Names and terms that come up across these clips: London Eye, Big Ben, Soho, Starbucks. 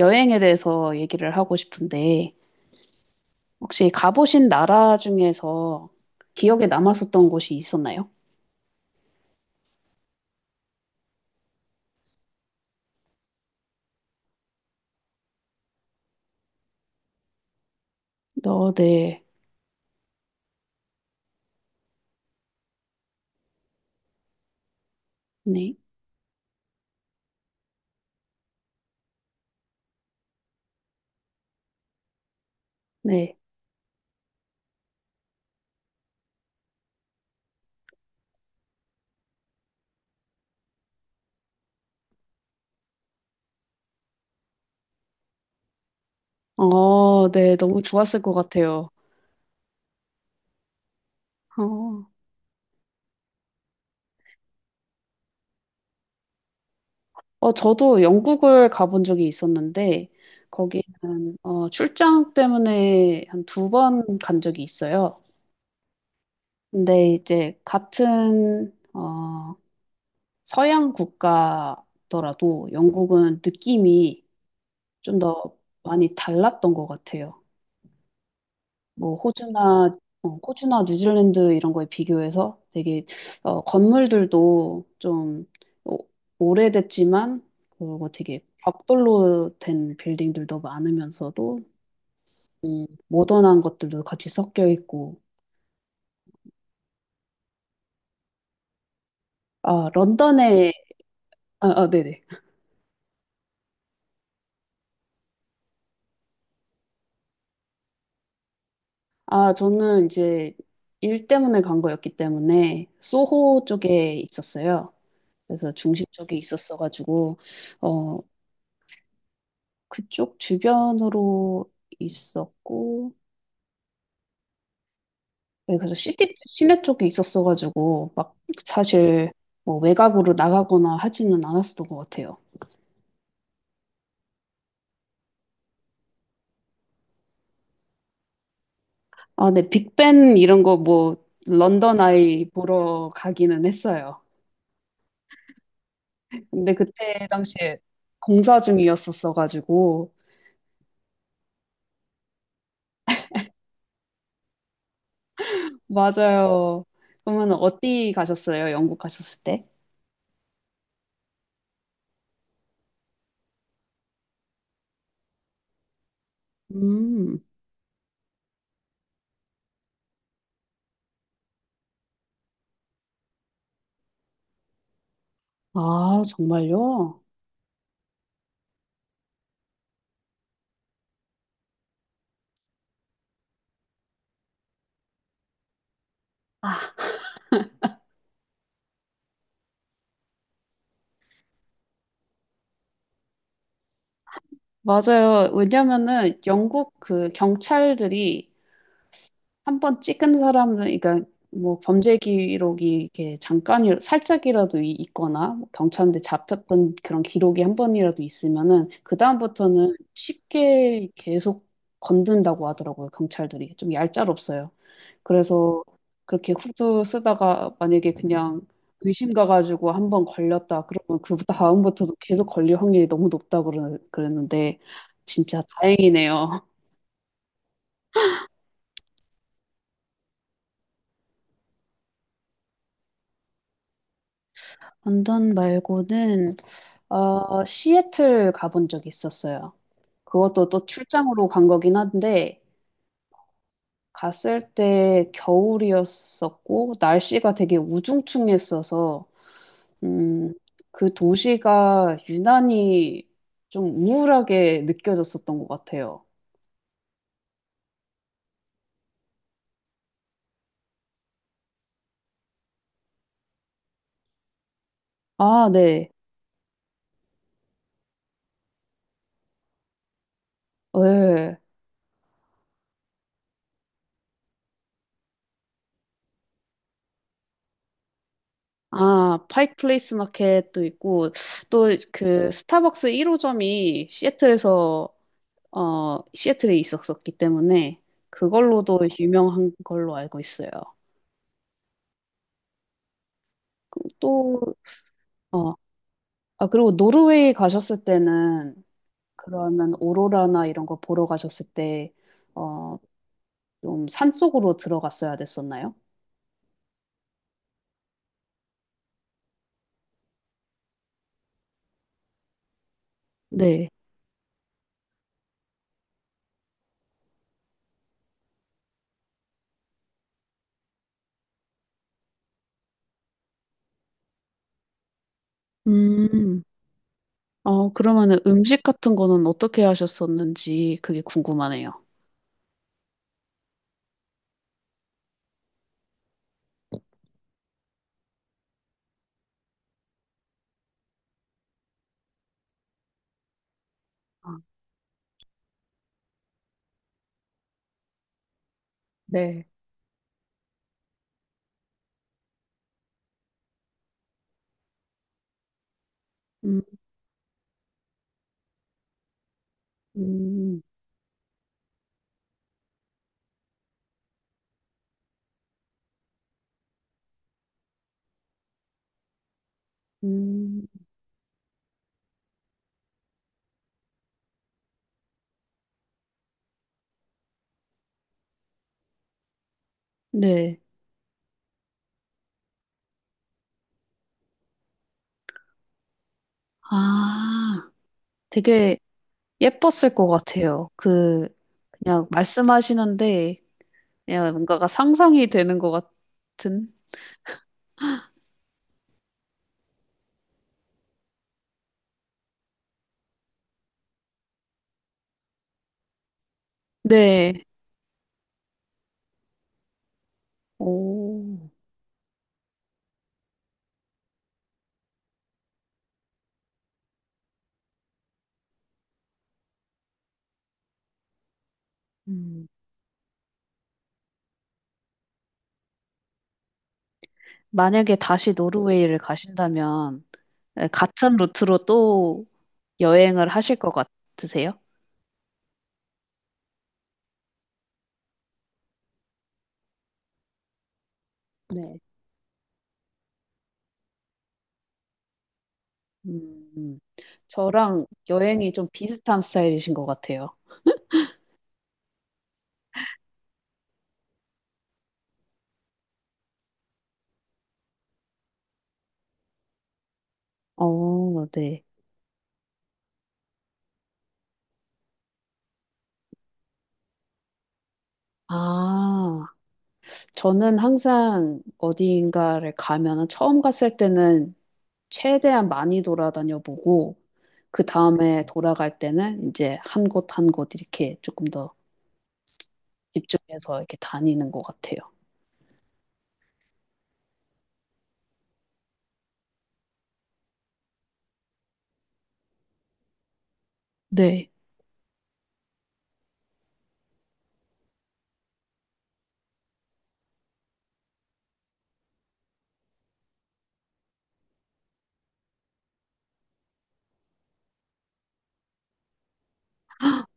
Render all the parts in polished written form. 여행에 대해서 얘기를 하고 싶은데, 혹시 가보신 나라 중에서 기억에 남았었던 곳이 있었나요? 어, 네. 네. 네. 어, 네. 너무 좋았을 것 같아요. 어, 저도 영국을 가본 적이 있었는데, 거기는 출장 때문에 한 두 번 간 적이 있어요. 근데 이제 같은 서양 국가더라도 영국은 느낌이 좀 더 많이 달랐던 것 같아요. 뭐 호주나 호주나 뉴질랜드 이런 거에 비교해서 되게 건물들도 좀 오- 오래됐지만 그리고 되게 벽돌로 된 빌딩들도 많으면서도 모던한 것들도 같이 섞여 있고 아 런던에 아, 아 네네 아 저는 이제 일 때문에 간 거였기 때문에 소호 쪽에 있었어요. 그래서 중심 쪽에 있었어가지고 어, 그쪽 주변으로 있었고, 네, 그래서 시내 쪽에 있었어가지고, 막 사실 뭐 외곽으로 나가거나 하지는 않았었던 것 같아요. 아, 네, 빅벤 이런 거 뭐, 런던 아이 보러 가기는 했어요. 근데 그때 당시에 공사 중이었었어가지고, 맞아요. 그러면 어디 가셨어요? 영국 가셨을 때? 음, 아, 정말요? 아, 맞아요. 왜냐면은 영국 그 경찰들이 한 번 찍은 사람은, 그러니까 뭐 범죄 기록이 이렇게 잠깐이 살짝이라도 있거나 뭐 경찰한테 잡혔던 그런 기록이 한 번이라도 있으면은 그 다음부터는 쉽게 계속 건든다고 하더라고요. 경찰들이 좀 얄짤없어요. 그래서 그렇게 후드 쓰다가 만약에 그냥 의심 가가지고 한 번 걸렸다 그러면 그 다음부터도 계속 걸릴 확률이 너무 높다고 그랬는데 진짜 다행이네요. 언던 말고는 어, 시애틀 가본 적 있었어요. 그것도 또 출장으로 간 거긴 한데, 갔을 때 겨울이었었고, 날씨가 되게 우중충했어서, 음, 그 도시가 유난히 좀 우울하게 느껴졌었던 것 같아요. 아, 네. 네. 아, 파이크 플레이스 마켓도 있고, 또 그 스타벅스 1호점이 시애틀에 있었었기 때문에 그걸로도 유명한 걸로 알고 있어요. 그 또, 어, 아, 그리고 노르웨이 가셨을 때는 그러면 오로라나 이런 거 보러 가셨을 때, 어, 좀 산속으로 들어갔어야 됐었나요? 네. 음, 어, 그러면은 음식 같은 거는 어떻게 하셨었는지 그게 궁금하네요. 아, 네. 음, 음, 음, 네. 아, 되게 예뻤을 것 같아요. 그, 그냥 말씀하시는데, 그냥 뭔가가 상상이 되는 것 같은? 네. 오. 음. 만약에 다시 노르웨이를 가신다면, 네, 같은 루트로 또 여행을 하실 것 같으세요? 네. 음, 저랑 여행이 좀 비슷한 스타일이신 것 같아요. 어, 네. 아, 저는 항상 어디인가를 가면은 처음 갔을 때는 최대한 많이 돌아다녀 보고 그 다음에 돌아갈 때는 이제 한 곳 한 곳 이렇게 조금 더 집중해서 이렇게 다니는 것 같아요. 네,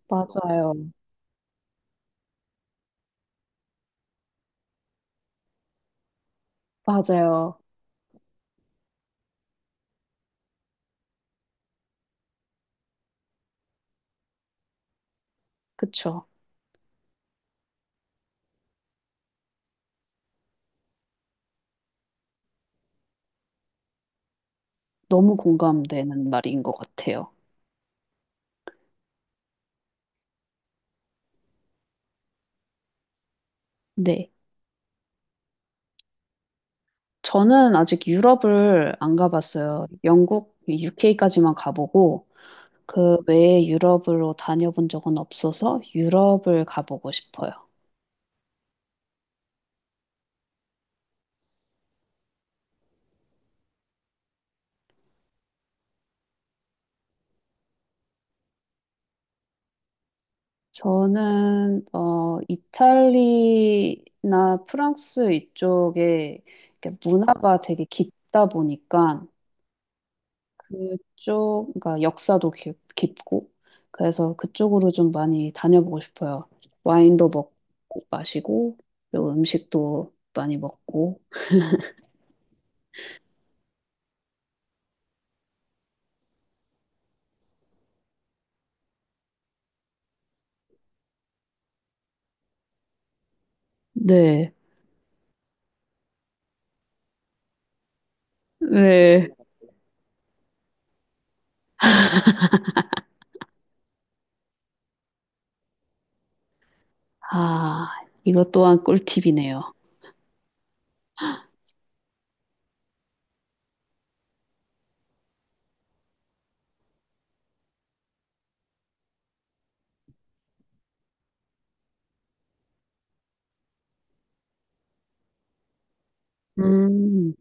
맞아요. 맞아요. 그쵸. 너무 공감되는 말인 것 같아요. 네. 저는 아직 유럽을 안 가봤어요. 영국, UK까지만 가보고 그 외에 유럽으로 다녀본 적은 없어서 유럽을 가보고 싶어요. 저는 어 이탈리나 프랑스 이쪽에 이렇게 문화가 되게 깊다 보니까 그쪽 그러니까 역사도 깊고 그래서 그쪽으로 좀 많이 다녀보고 싶어요. 와인도 먹고 마시고 그리고 음식도 많이 먹고 네. 네. 아, 이것 또한 꿀팁이네요. 음,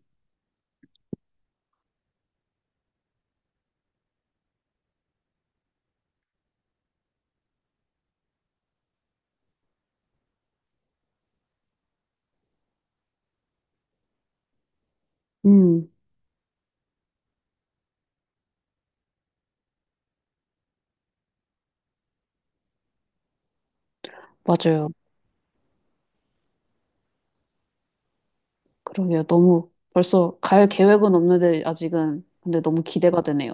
음, 맞아요. 그러게요. 너무 벌써 갈 계획은 없는데 아직은 근데 너무 기대가 되네요.